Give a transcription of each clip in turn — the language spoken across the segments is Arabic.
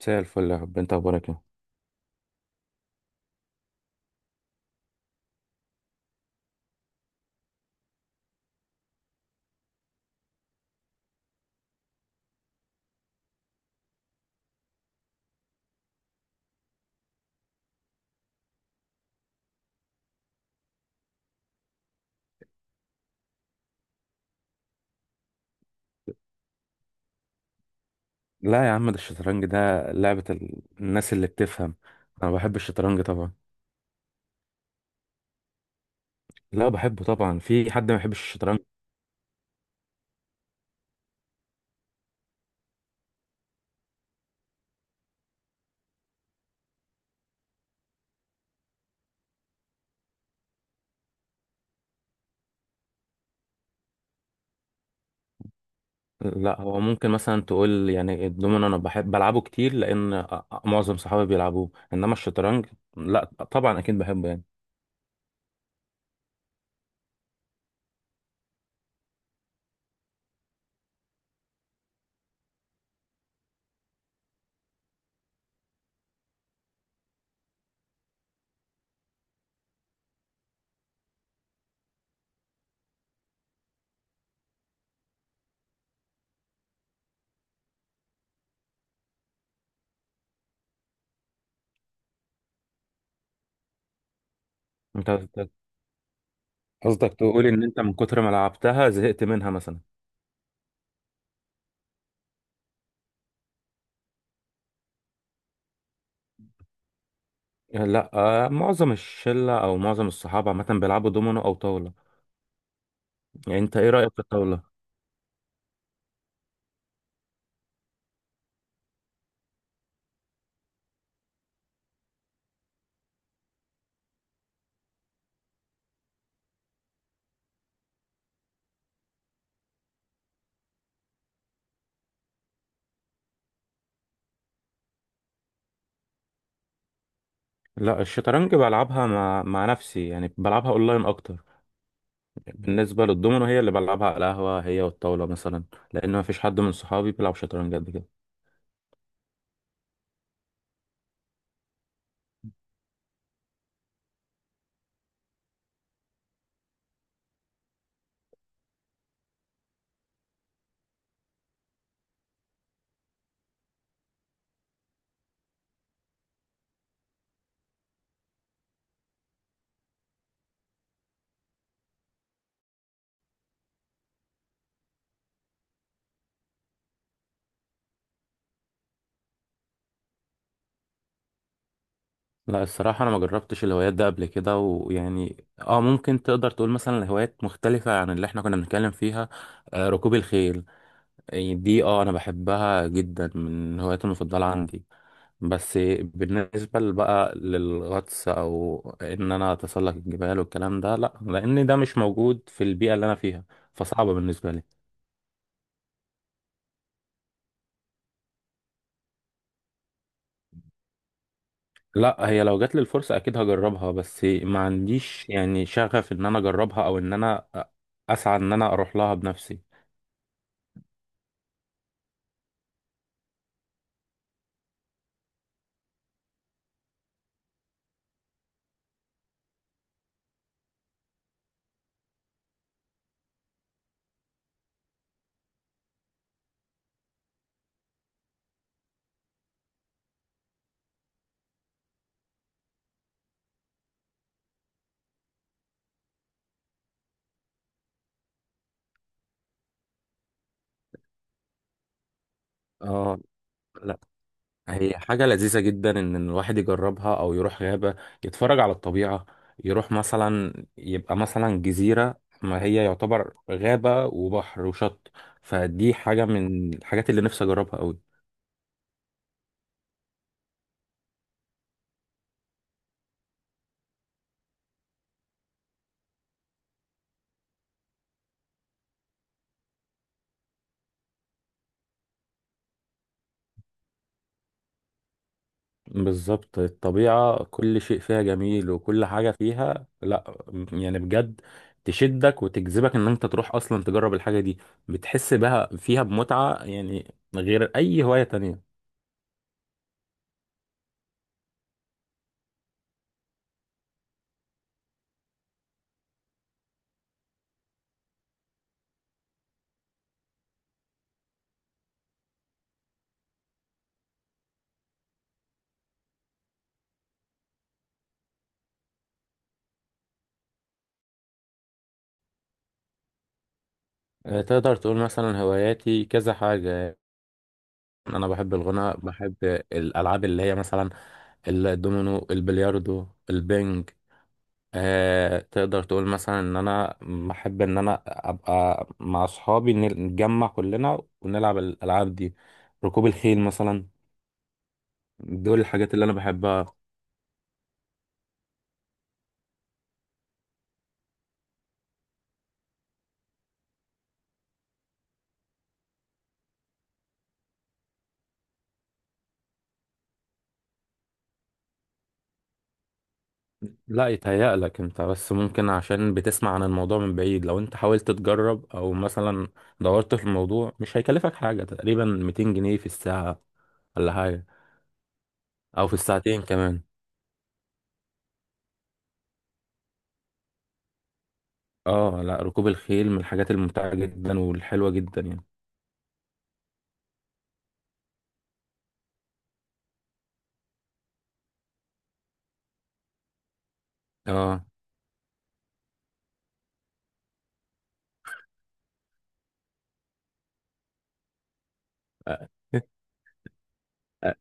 مساء الفل، يا رب انت اخبارك ايه؟ لا يا عم، ده الشطرنج ده لعبة الناس اللي بتفهم. انا بحب الشطرنج طبعا. لا بحبه طبعا، في حد ما بيحبش الشطرنج؟ لا هو ممكن مثلا تقول يعني الدومينو انا بحب بلعبه كتير لان معظم صحابي بيلعبوه، انما الشطرنج لا، طبعا اكيد بحبه يعني. انت قصدك تقول ان انت من كتر ما لعبتها زهقت منها مثلا؟ لا معظم الشلة او معظم الصحاب عامة بيلعبوا دومينو او طاولة. يعني انت ايه رأيك في الطاولة؟ لا الشطرنج بلعبها مع نفسي، يعني بلعبها اونلاين اكتر. بالنسبه للدومينو هي اللي بلعبها على القهوه، هي والطاوله مثلا، لان ما فيش حد من صحابي بيلعب شطرنج قد كده. لا الصراحه انا ما جربتش الهوايات ده قبل كده، ويعني ممكن تقدر تقول مثلا الهوايات مختلفه عن اللي احنا كنا بنتكلم فيها. ركوب الخيل، يعني دي انا بحبها جدا من الهوايات المفضله عندي. بس بالنسبة بقى للغطس أو إن أنا أتسلق الجبال والكلام ده لأ، لأن ده مش موجود في البيئة اللي أنا فيها، فصعبة بالنسبة لي. لأ، هي لو جات لي الفرصة أكيد هجربها، بس ما عنديش يعني شغف إن أنا أجربها أو إن أنا أسعى إن أنا أروح لها بنفسي. اه، لا، هي حاجة لذيذة جدا إن الواحد يجربها أو يروح غابة يتفرج على الطبيعة، يروح مثلا يبقى مثلا جزيرة، ما هي يعتبر غابة وبحر وشط، فدي حاجة من الحاجات اللي نفسي أجربها أوي. بالظبط، الطبيعة كل شيء فيها جميل، وكل حاجة فيها لأ، يعني بجد تشدك وتجذبك إن أنت تروح أصلا تجرب الحاجة دي، بتحس بها فيها بمتعة يعني غير أي هواية تانية. تقدر تقول مثلا هواياتي كذا حاجة. انا بحب الغناء، بحب الالعاب اللي هي مثلا الدومينو، البلياردو، البنج. تقدر تقول مثلا ان انا بحب ان انا ابقى مع اصحابي، نتجمع كلنا ونلعب الالعاب دي، ركوب الخيل مثلا. دول الحاجات اللي انا بحبها. لا يتهيألك انت بس، ممكن عشان بتسمع عن الموضوع من بعيد. لو انت حاولت تجرب او مثلا دورت في الموضوع مش هيكلفك حاجة، تقريبا 200 جنيه في الساعة ولا حاجة، او في الساعتين كمان. اه لا، ركوب الخيل من الحاجات الممتعة جدا والحلوة جدا يعني. اه أ- أ-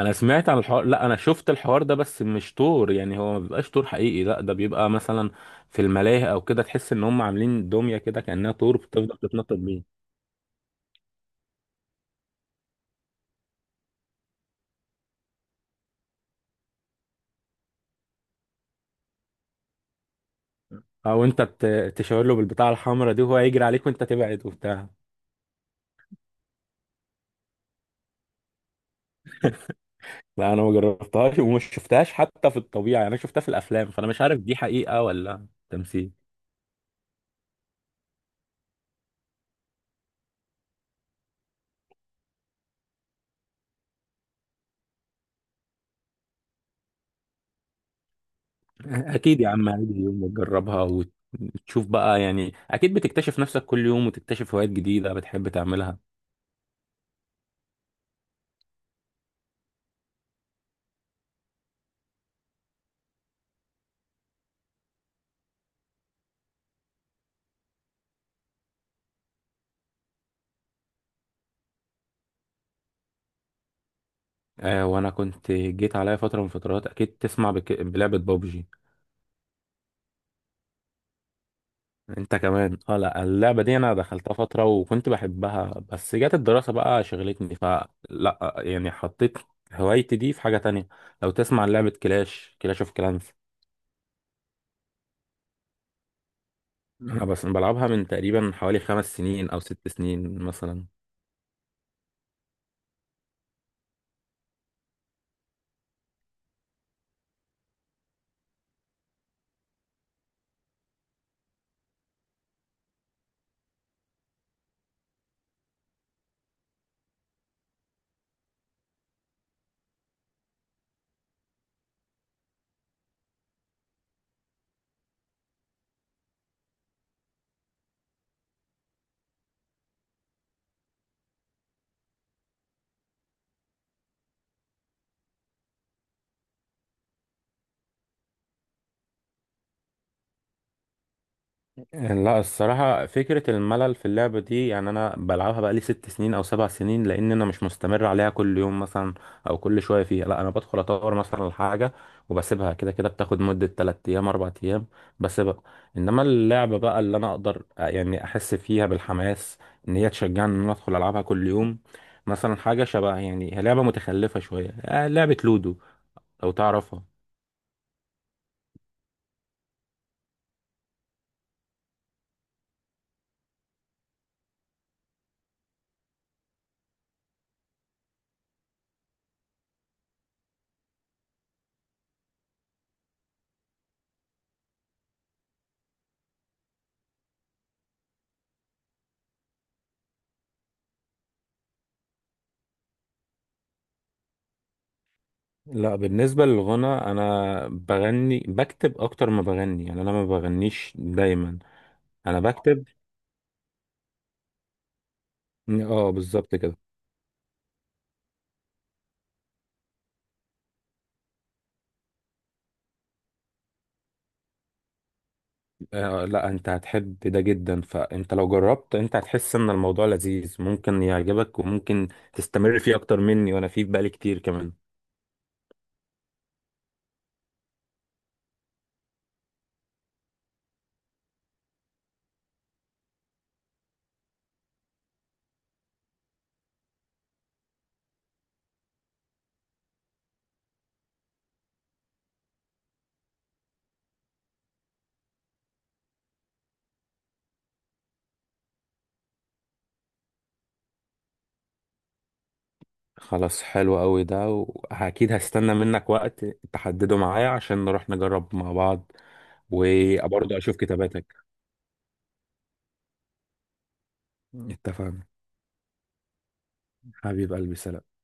انا سمعت عن الحوار، لا انا شفت الحوار ده، بس مش طور، يعني هو ما بيبقاش طور حقيقي، لا ده بيبقى مثلا في الملاهي او كده، تحس ان هم عاملين دمية كده كأنها طور بتفضل تتنطط بيه، او انت تشاور له بالبتاعة الحمراء دي وهو يجري عليك وانت تبعد وبتاع. لا انا ما جربتهاش ومش شفتهاش حتى في الطبيعة، يعني انا شفتها في الافلام، فانا مش عارف دي حقيقة ولا تمثيل. اكيد يا عم، هيجي يوم وتجربها وتشوف بقى، يعني اكيد بتكتشف نفسك كل يوم وتكتشف هوايات جديدة بتحب تعملها. وانا كنت جيت عليا فترة من فترات، اكيد تسمع بلعبة بابجي. انت كمان؟ اه لا، اللعبة دي انا دخلتها فترة وكنت بحبها، بس جت الدراسة بقى شغلتني، فلا يعني حطيت هوايتي دي في حاجة تانية. لو تسمع لعبة كلاش اوف كلانس. انا بس بلعبها من تقريبا حوالي 5 سنين او 6 سنين مثلا. لا الصراحة فكرة الملل في اللعبة دي يعني أنا بلعبها بقالي 6 سنين أو 7 سنين، لأن أنا مش مستمر عليها كل يوم مثلا أو كل شوية فيها، لا أنا بدخل أطور مثلا الحاجة وبسيبها كده، كده بتاخد مدة 3 أيام 4 أيام بسيبها. إنما اللعبة بقى اللي أنا أقدر يعني أحس فيها بالحماس، إن هي تشجعني إن أنا أدخل ألعبها كل يوم، مثلا حاجة شبه يعني هي لعبة متخلفة شوية، لعبة لودو، لو تعرفها. لا بالنسبة للغنى أنا بغني بكتب أكتر ما بغني، يعني أنا ما بغنيش دايما. أنا بكتب، اه بالظبط كده. آه لا، أنت هتحب ده جدا، فأنت لو جربت أنت هتحس إن الموضوع لذيذ، ممكن يعجبك وممكن تستمر فيه أكتر مني، وأنا فيه بقالي كتير كمان. خلاص، حلو أوي ده، وأكيد هستنى منك وقت تحدده معايا عشان نروح نجرب مع بعض، وبرضه أشوف كتاباتك. اتفقنا، حبيب قلبي، سلام.